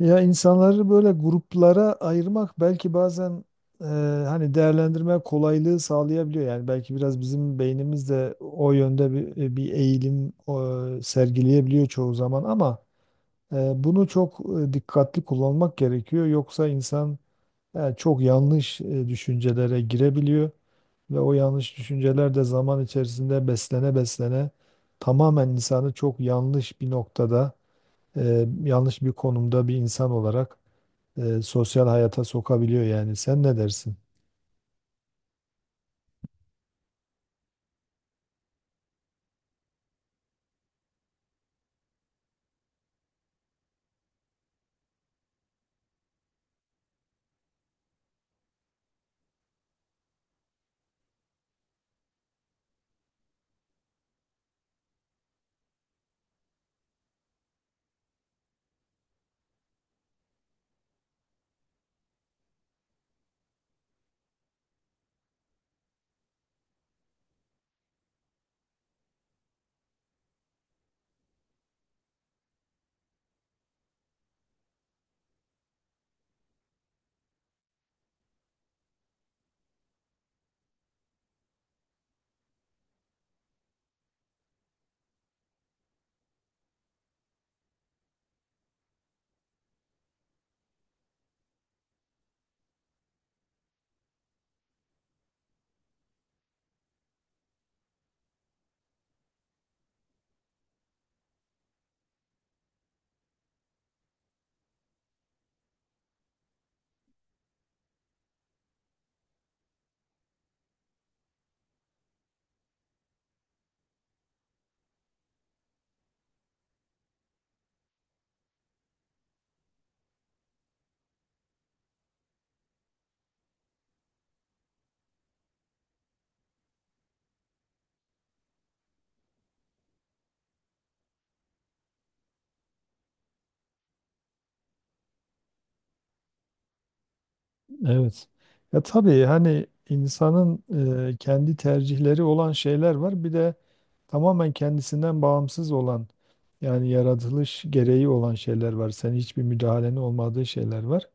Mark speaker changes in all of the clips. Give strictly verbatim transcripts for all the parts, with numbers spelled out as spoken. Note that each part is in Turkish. Speaker 1: Ya insanları böyle gruplara ayırmak belki bazen e, hani değerlendirme kolaylığı sağlayabiliyor. Yani belki biraz bizim beynimiz de o yönde bir, e, bir eğilim e, sergileyebiliyor çoğu zaman ama e, bunu çok e, dikkatli kullanmak gerekiyor. Yoksa insan e, çok yanlış e, düşüncelere girebiliyor ve o yanlış düşünceler de zaman içerisinde beslene beslene tamamen insanı çok yanlış bir noktada, e, yanlış bir konumda bir insan olarak e, sosyal hayata sokabiliyor yani. Sen ne dersin? Evet. Ya tabii hani insanın e, kendi tercihleri olan şeyler var. Bir de tamamen kendisinden bağımsız olan yani yaratılış gereği olan şeyler var. Senin hiçbir müdahalenin olmadığı şeyler var.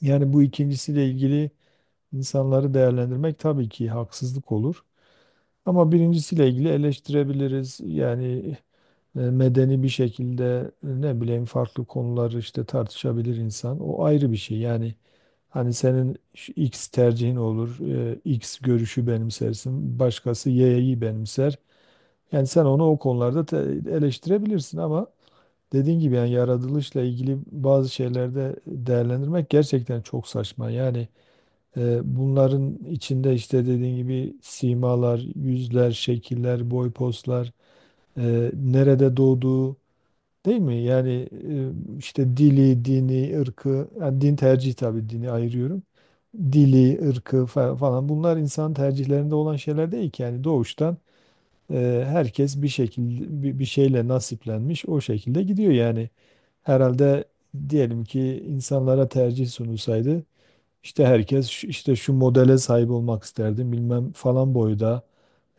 Speaker 1: Yani bu ikincisiyle ilgili insanları değerlendirmek tabii ki haksızlık olur. Ama birincisiyle ilgili eleştirebiliriz. Yani e, medeni bir şekilde e, ne bileyim farklı konuları işte tartışabilir insan. O ayrı bir şey. Yani hani senin şu X tercihin olur, e, X görüşü benimsersin, başkası Y'yi benimser. Yani sen onu o konularda te- eleştirebilirsin ama dediğin gibi yani yaratılışla ilgili bazı şeylerde değerlendirmek gerçekten çok saçma. Yani e, bunların içinde işte dediğin gibi simalar, yüzler, şekiller, boy, postlar, e, nerede doğduğu, değil mi? Yani e, işte dili, dini, ırkı, yani din tercihi tabii dini ayırıyorum. Dili, ırkı fa- falan bunlar insan tercihlerinde olan şeyler değil ki. Yani doğuştan e, herkes bir şekilde bir, bir şeyle nasiplenmiş o şekilde gidiyor yani. Herhalde diyelim ki insanlara tercih sunulsaydı işte herkes şu- işte şu modele sahip olmak isterdim bilmem falan boyda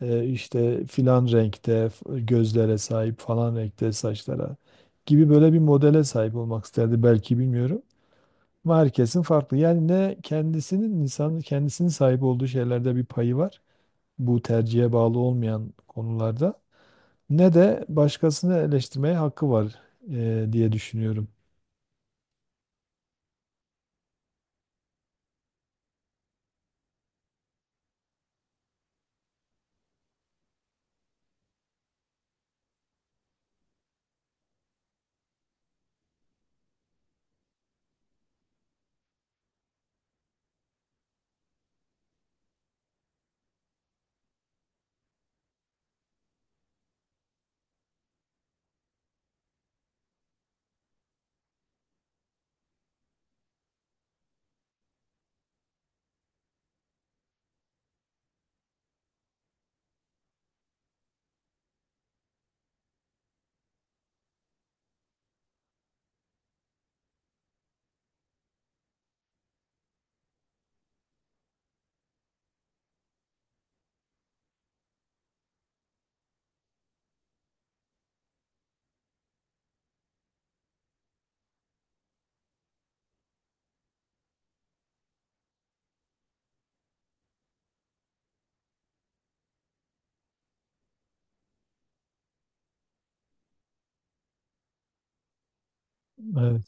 Speaker 1: e, işte filan renkte f- gözlere sahip falan renkte saçlara gibi böyle bir modele sahip olmak isterdi belki bilmiyorum. Ama herkesin farklı. Yani ne kendisinin insanın kendisinin sahip olduğu şeylerde bir payı var. Bu tercihe bağlı olmayan konularda. Ne de başkasını eleştirmeye hakkı var e, diye düşünüyorum. Evet,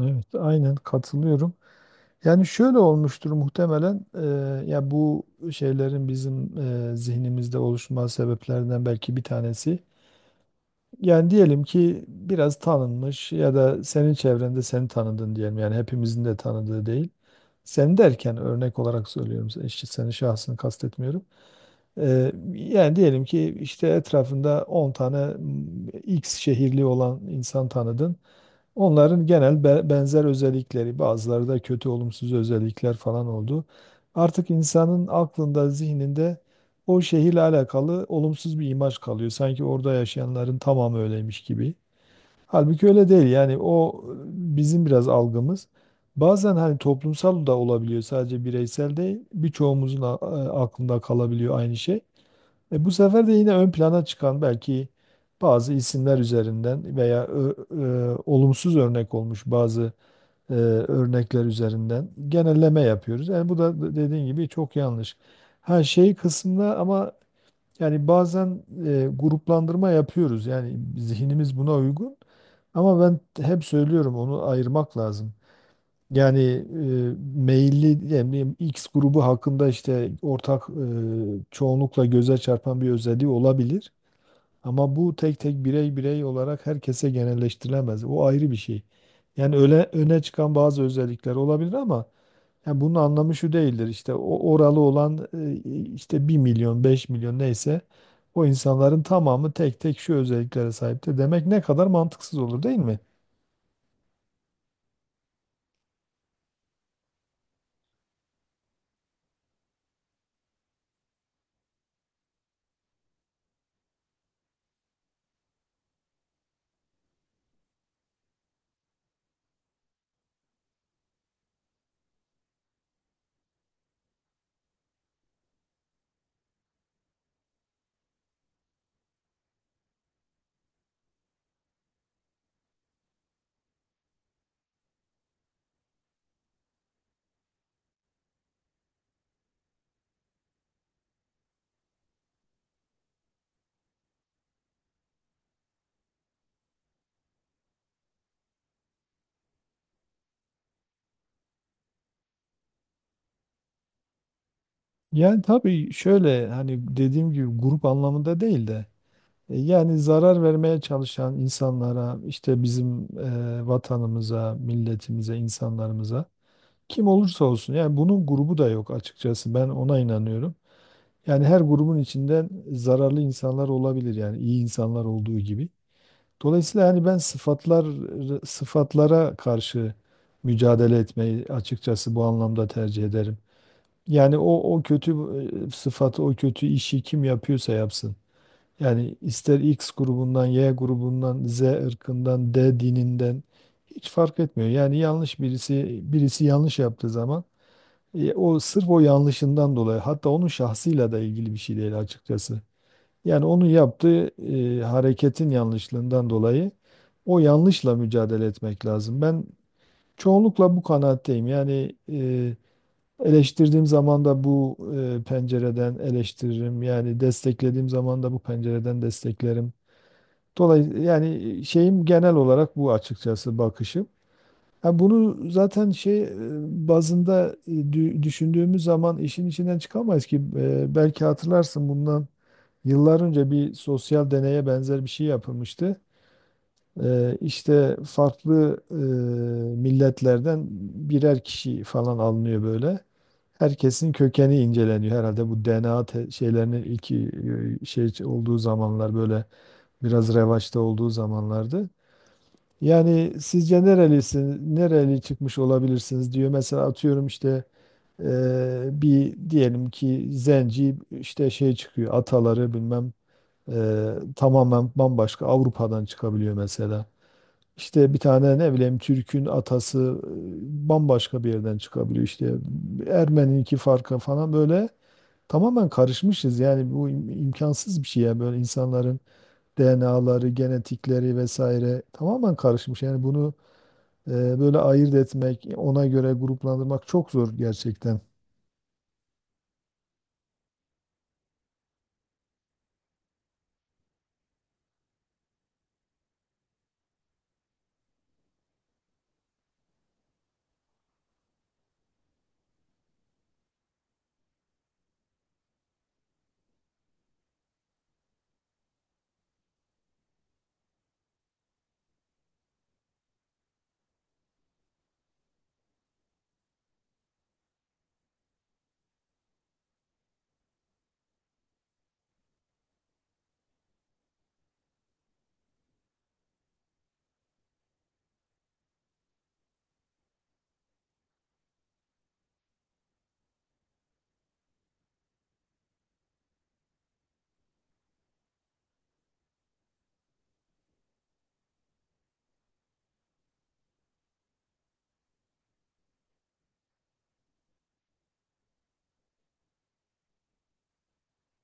Speaker 1: evet, aynen katılıyorum. Yani şöyle olmuştur muhtemelen e, ya bu şeylerin bizim e, zihnimizde oluşma sebeplerinden belki bir tanesi. Yani diyelim ki biraz tanınmış ya da senin çevrende seni tanıdın diyelim yani hepimizin de tanıdığı değil. Sen derken örnek olarak söylüyorum sen- işte senin şahsını kastetmiyorum. E, yani diyelim ki işte etrafında on tane m, X şehirli olan insan tanıdın. Onların genel be- benzer özellikleri, bazıları da kötü olumsuz özellikler falan oldu. Artık insanın aklında, zihninde o şehirle alakalı olumsuz bir imaj kalıyor. Sanki orada yaşayanların tamamı öyleymiş gibi. Halbuki öyle değil. Yani o e, bizim biraz algımız. Bazen hani toplumsal da olabiliyor, sadece bireysel değil. Birçoğumuzun a- e, aklında kalabiliyor aynı şey. E, bu sefer de yine ön plana çıkan belki bazı isimler üzerinden veya ö- ö, olumsuz örnek olmuş bazı e, örnekler üzerinden genelleme yapıyoruz. Yani bu da d- dediğin gibi çok yanlış. Her şey kısmında ama yani bazen e, gruplandırma yapıyoruz. Yani zihnimiz buna uygun. Ama ben hep söylüyorum onu ayırmak lazım. Yani e, meyilli yani bileyim, X grubu hakkında işte ortak e, çoğunlukla göze çarpan bir özelliği olabilir. Ama bu tek tek birey birey olarak herkese genelleştirilemez. O ayrı bir şey. Yani öyle öne çıkan bazı özellikler olabilir ama yani bunun anlamı şu değildir. İşte o oralı olan e, işte bir milyon, beş milyon neyse o insanların tamamı tek tek şu özelliklere sahiptir. Demek ne kadar mantıksız olur, değil mi? Yani tabii şöyle hani dediğim gibi grup anlamında değil de e, yani zarar vermeye çalışan insanlara işte bizim e, vatanımıza, milletimize, insanlarımıza kim olursa olsun yani bunun grubu da yok açıkçası ben ona inanıyorum. Yani her grubun içinden zararlı insanlar olabilir yani iyi insanlar olduğu gibi. Dolayısıyla hani ben sıfatlar sıfatlara karşı mücadele etmeyi açıkçası bu anlamda tercih ederim. Yani o o kötü e, sıfatı, o kötü işi kim yapıyorsa yapsın. Yani ister X grubundan, Y grubundan, Z ırkından, D dininden hiç fark etmiyor. Yani yanlış birisi birisi yanlış yaptığı zaman e, o sırf o yanlışından dolayı hatta onun şahsıyla da ilgili bir şey değil açıkçası. Yani onun yaptığı e, hareketin yanlışlığından dolayı o yanlışla mücadele etmek lazım. Ben çoğunlukla bu kanaatteyim. Yani e, Eleştirdiğim zaman da bu e, pencereden eleştiririm. Yani desteklediğim zaman da bu pencereden desteklerim. Dolayısıyla yani şeyim genel olarak bu açıkçası bakışım. Ha bunu zaten şey e, bazında e, dü- düşündüğümüz zaman işin içinden çıkamayız ki. E, belki hatırlarsın bundan yıllar önce bir sosyal deneye benzer bir şey yapılmıştı. Eee, işte farklı eee, milletlerden birer kişi falan alınıyor böyle. Herkesin kökeni inceleniyor herhalde bu D N A te- şeylerinin iki e, şey olduğu zamanlar böyle biraz revaçta olduğu zamanlardı. Yani sizce nerelisin, nereli çıkmış olabilirsiniz diyor. Mesela atıyorum işte e, bir diyelim ki zenci işte şey çıkıyor ataları bilmem e, tamamen bambaşka Avrupa'dan çıkabiliyor mesela. İşte bir tane ne bileyim Türk'ün atası e, bambaşka bir yerden çıkabiliyor işte Ermeni'ninki farkı falan böyle tamamen karışmışız yani bu im- imkansız bir şey ya böyle insanların D N A'ları, genetikleri vesaire tamamen karışmış yani bunu e, böyle ayırt etmek, ona göre gruplandırmak çok zor gerçekten.